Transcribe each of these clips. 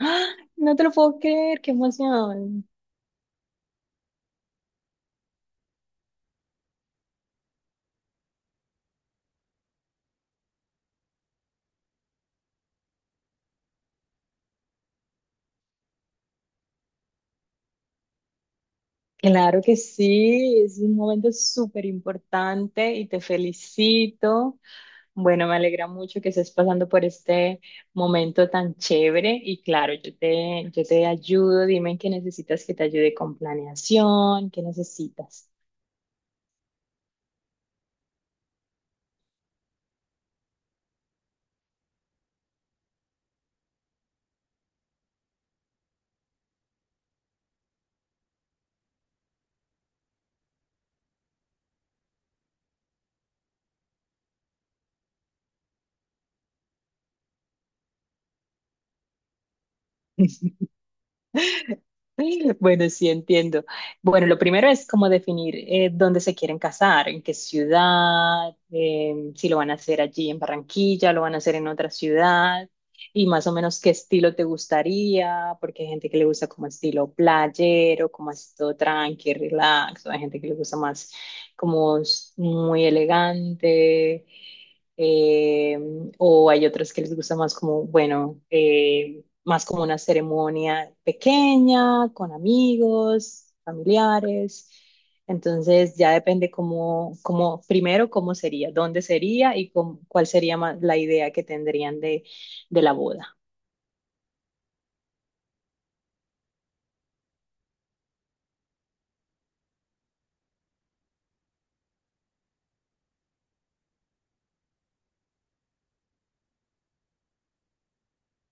¡Ah! No te lo puedo creer, qué emoción. Claro que sí, es un momento súper importante y te felicito. Bueno, me alegra mucho que estés pasando por este momento tan chévere y claro, yo te ayudo. Dime en qué necesitas que te ayude con planeación, qué necesitas. Bueno, sí entiendo. Bueno, lo primero es como definir dónde se quieren casar, en qué ciudad. Si lo van a hacer allí en Barranquilla, lo van a hacer en otra ciudad, y más o menos qué estilo te gustaría, porque hay gente que le gusta como estilo playero, como así todo tranqui, relax, o hay gente que le gusta más como muy elegante. eh, o hay otros que les gusta más como, bueno, más como una ceremonia pequeña, con amigos, familiares. Entonces ya depende cómo primero cómo sería, dónde sería y cuál sería la idea que tendrían de la boda.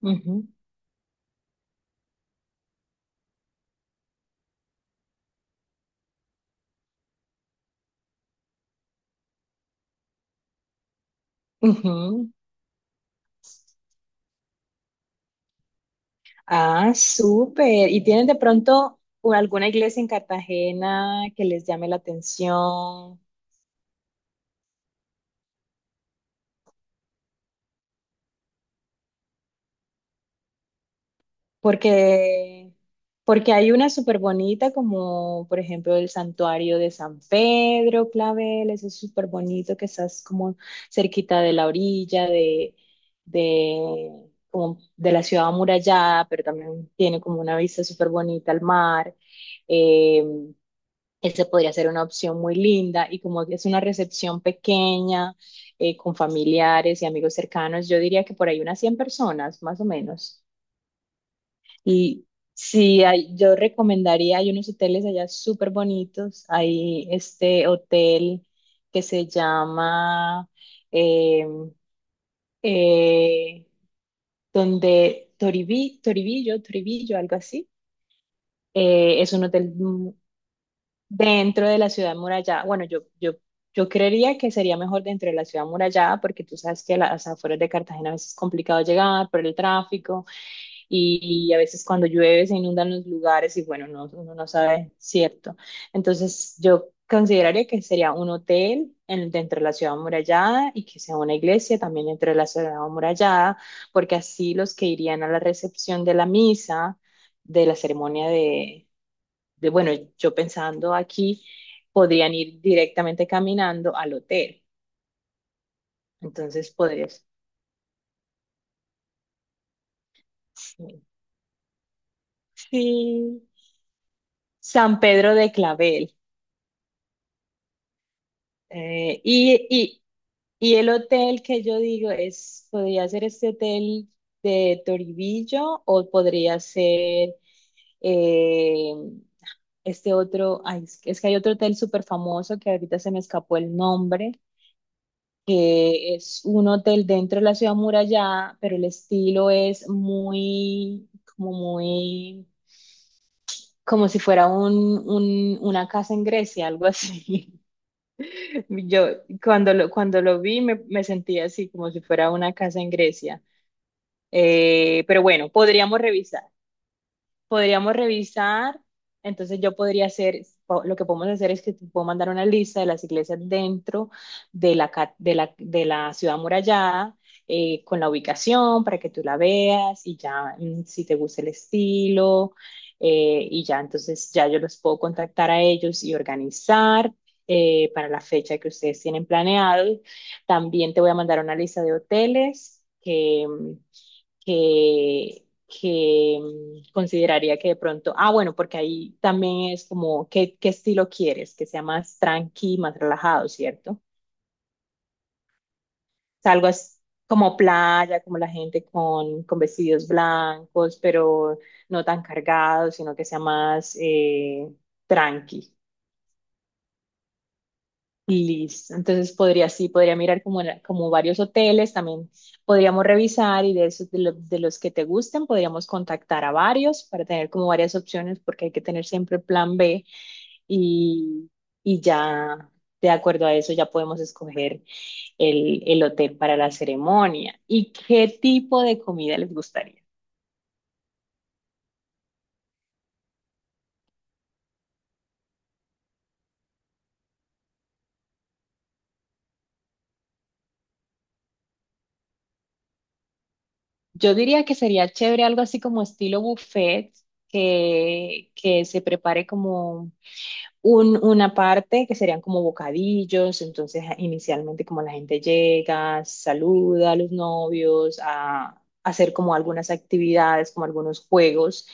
Ujú, ujú. Ah, súper. ¿Y tienen de pronto alguna iglesia en Cartagena que les llame la atención? Porque, porque hay una súper bonita, como por ejemplo el santuario de San Pedro Clavel. Ese es súper bonito, que estás como cerquita de la orilla de, como de la ciudad amurallada, pero también tiene como una vista súper bonita al mar. Eh, Esa podría ser una opción muy linda y como es una recepción pequeña, con familiares y amigos cercanos, yo diría que por ahí unas 100 personas, más o menos. Y sí, hay, yo recomendaría, hay unos hoteles allá súper bonitos. Hay este hotel que se llama eh, eh, donde Toribi, Toribillo, Toribillo, algo así. Es un hotel, dentro de la ciudad murallada. Bueno, yo creería que sería mejor dentro de la ciudad murallada, porque tú sabes que a las afueras de Cartagena a veces es complicado llegar por el tráfico. Y a veces cuando llueve se inundan los lugares y bueno, no, uno no sabe, cierto. Entonces yo consideraría que sería un hotel dentro de la ciudad amurallada, y que sea una iglesia también dentro de la ciudad amurallada, porque así los que irían a la recepción de la misa, de la ceremonia, de bueno, yo pensando aquí, podrían ir directamente caminando al hotel. Entonces podrías. Sí. Sí. San Pedro de Clavel. Y, y el hotel que yo digo es, podría ser este hotel de Toribillo, o podría ser eh, este otro, ay, es que hay otro hotel súper famoso que ahorita se me escapó el nombre, que es un hotel dentro de la ciudad muralla, pero el estilo es muy, como si fuera una casa en Grecia, algo así. Yo cuando lo vi, me sentí así, como si fuera una casa en Grecia. Pero bueno, podríamos revisar. Podríamos revisar. Entonces yo podría hacer, lo que podemos hacer es que te puedo mandar una lista de las iglesias dentro de la, de la ciudad amurallada, con la ubicación para que tú la veas y ya, si te gusta el estilo. Y ya entonces ya yo los puedo contactar a ellos y organizar para la fecha que ustedes tienen planeado. También te voy a mandar una lista de hoteles que consideraría, que de pronto, ah, bueno, porque ahí también es como, ¿qué estilo quieres? Que sea más tranqui, más relajado, ¿cierto? O sea, algo es como playa, como la gente con vestidos blancos, pero no tan cargados, sino que sea más tranqui. Listo. Entonces podría, sí, podría mirar como varios hoteles, también podríamos revisar, y de esos de los que te gusten, podríamos contactar a varios para tener como varias opciones, porque hay que tener siempre plan B, y, y ya de acuerdo a eso ya podemos escoger el hotel para la ceremonia. ¿Y qué tipo de comida les gustaría? Yo diría que sería chévere algo así como estilo buffet, que se prepare como una parte que serían como bocadillos, entonces inicialmente como la gente llega, saluda a los novios, hacer como algunas actividades, como algunos juegos,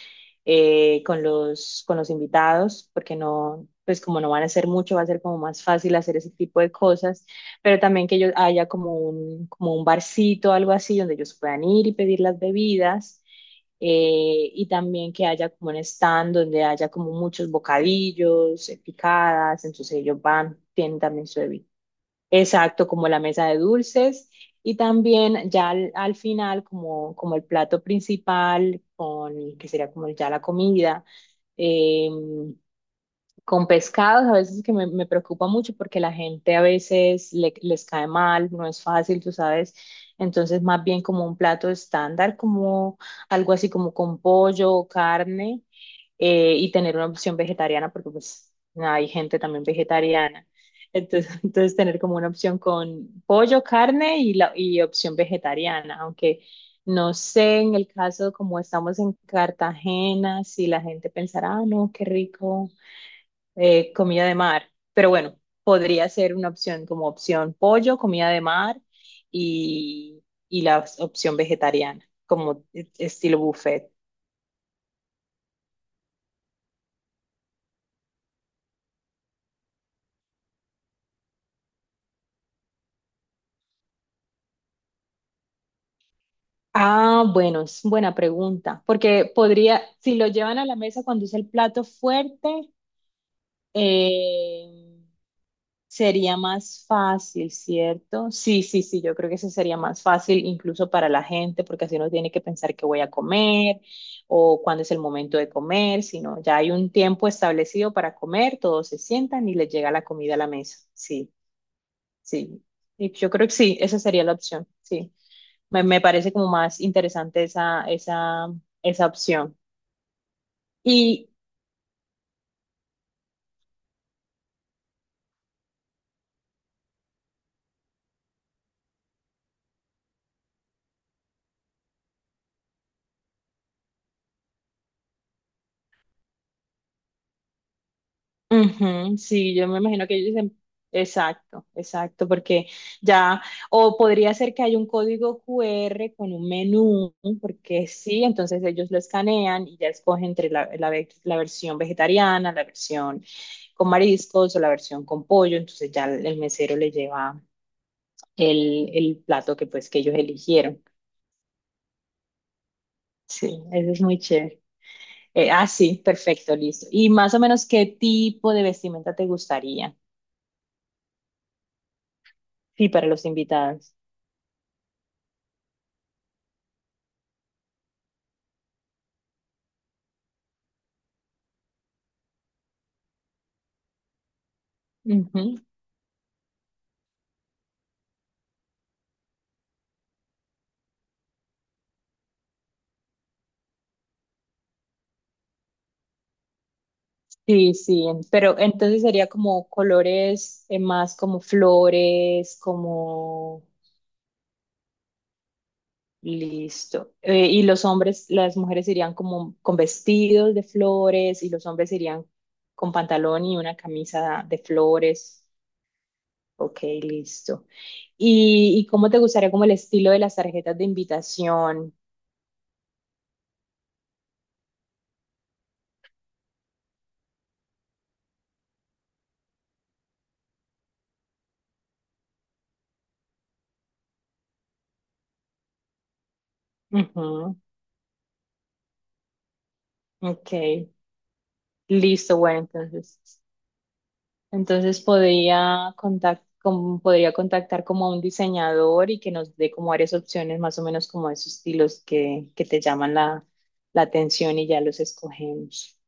con los invitados, porque no, pues como no van a hacer mucho, va a ser como más fácil hacer ese tipo de cosas, pero también que ellos haya como un, barcito, algo así, donde ellos puedan ir y pedir las bebidas, y también que haya como un stand donde haya como muchos bocadillos, picadas, entonces ellos van, tienen también su bebida. Exacto, como la mesa de dulces, y también ya al final como el plato principal, con que sería como ya la comida. em, con pescados, a veces que me preocupa mucho porque la gente a veces les cae mal, no es fácil, tú sabes. Entonces, más bien como un plato estándar, como algo así como con pollo o carne, y tener una opción vegetariana, porque pues hay gente también vegetariana. Entonces, entonces tener como una opción con pollo, carne y opción vegetariana, aunque no sé, en el caso como estamos en Cartagena, si la gente pensará, ah, no, qué rico, comida de mar, pero bueno, podría ser una opción como opción pollo, comida de mar, y, y la opción vegetariana, como estilo buffet. Ah, bueno, es buena pregunta, porque podría, si lo llevan a la mesa cuando es el plato fuerte, eh, sería más fácil, ¿cierto? Sí, sí, sí, yo creo que eso sería más fácil incluso para la gente, porque así no tiene que pensar qué voy a comer o cuándo es el momento de comer, sino ya hay un tiempo establecido para comer, todos se sientan y les llega la comida a la mesa. Sí, sí. Y yo creo que sí, esa sería la opción, sí. Me parece como más interesante esa opción. Y Ujú, sí, yo me imagino que ellos dicen, exacto, exacto, porque ya, o podría ser que hay un código QR con un menú, porque sí, entonces ellos lo escanean y ya escogen entre la versión vegetariana, la versión con mariscos o la versión con pollo, entonces ya el mesero le lleva el plato que pues que ellos eligieron. Sí, eso es muy chévere. Sí, perfecto, listo. ¿Y más o menos qué tipo de vestimenta te gustaría? Sí, para los invitados. Ujú. Sí, sí, pero entonces sería como colores, más como flores, como. Listo. Y los hombres, las mujeres irían como con vestidos de flores y los hombres irían con pantalón y una camisa de flores. Ok, listo. ¿Y cómo te gustaría como el estilo de las tarjetas de invitación? Ujú, ok, listo, bueno, entonces. Entonces podría contactar como a un diseñador, y que nos dé como varias opciones, más o menos como esos estilos que te llaman la atención, y ya los escogemos.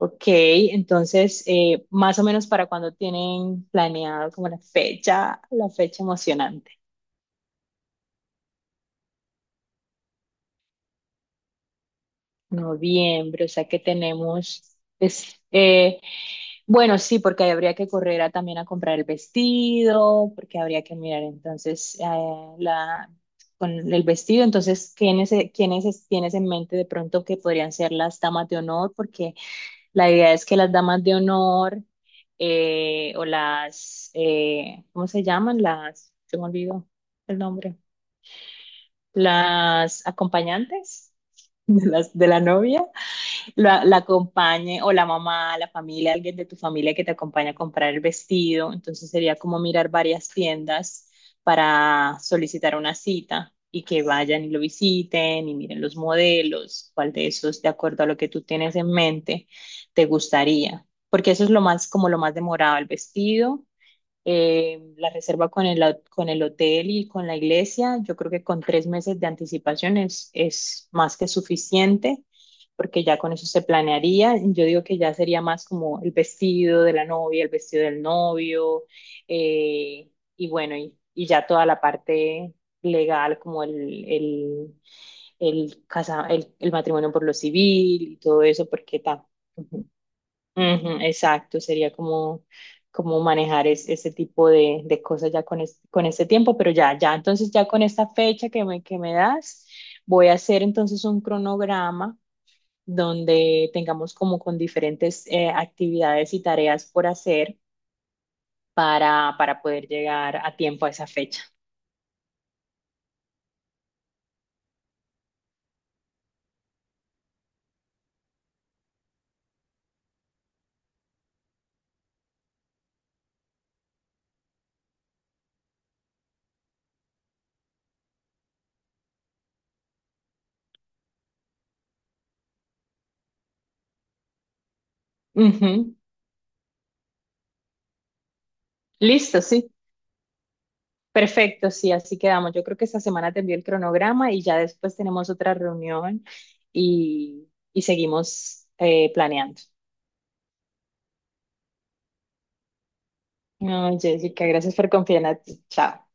Ok, entonces, más o menos, ¿para cuando tienen planeado como la fecha emocionante? Noviembre, o sea que tenemos, bueno, sí, porque ahí habría que correr también a comprar el vestido, porque habría que mirar entonces, la, con el vestido. Entonces, ¿quiénes tienes en mente de pronto que podrían ser las damas de honor? Porque la idea es que las damas de honor, o las, ¿cómo se llaman? Se me olvidó el nombre, las acompañantes de la novia, la acompañe, o la mamá, la familia, alguien de tu familia que te acompañe a comprar el vestido. Entonces sería como mirar varias tiendas para solicitar una cita y que vayan y lo visiten y miren los modelos, cuál de esos, de acuerdo a lo que tú tienes en mente, te gustaría. Porque eso es lo más, como lo más demorado, el vestido, la reserva con el hotel y con la iglesia, yo creo que con 3 meses de anticipación es más que suficiente, porque ya con eso se planearía. Yo digo que ya sería más como el vestido de la novia, el vestido del novio, eh, y bueno, y ya toda la parte legal, como el matrimonio por lo civil y todo eso. Ujú, exacto, sería como, manejar ese tipo de cosas ya con ese tiempo, pero ya, ya, entonces ya con esta fecha que me das, voy a hacer entonces un cronograma donde tengamos como con diferentes actividades y tareas por hacer, para poder llegar a tiempo a esa fecha. Ujú, listo, sí. Perfecto, sí, así quedamos. Yo creo que esta semana te envío el cronograma y ya después tenemos otra reunión, y seguimos planeando. No, Jessica, gracias por confiar en ti. Chao.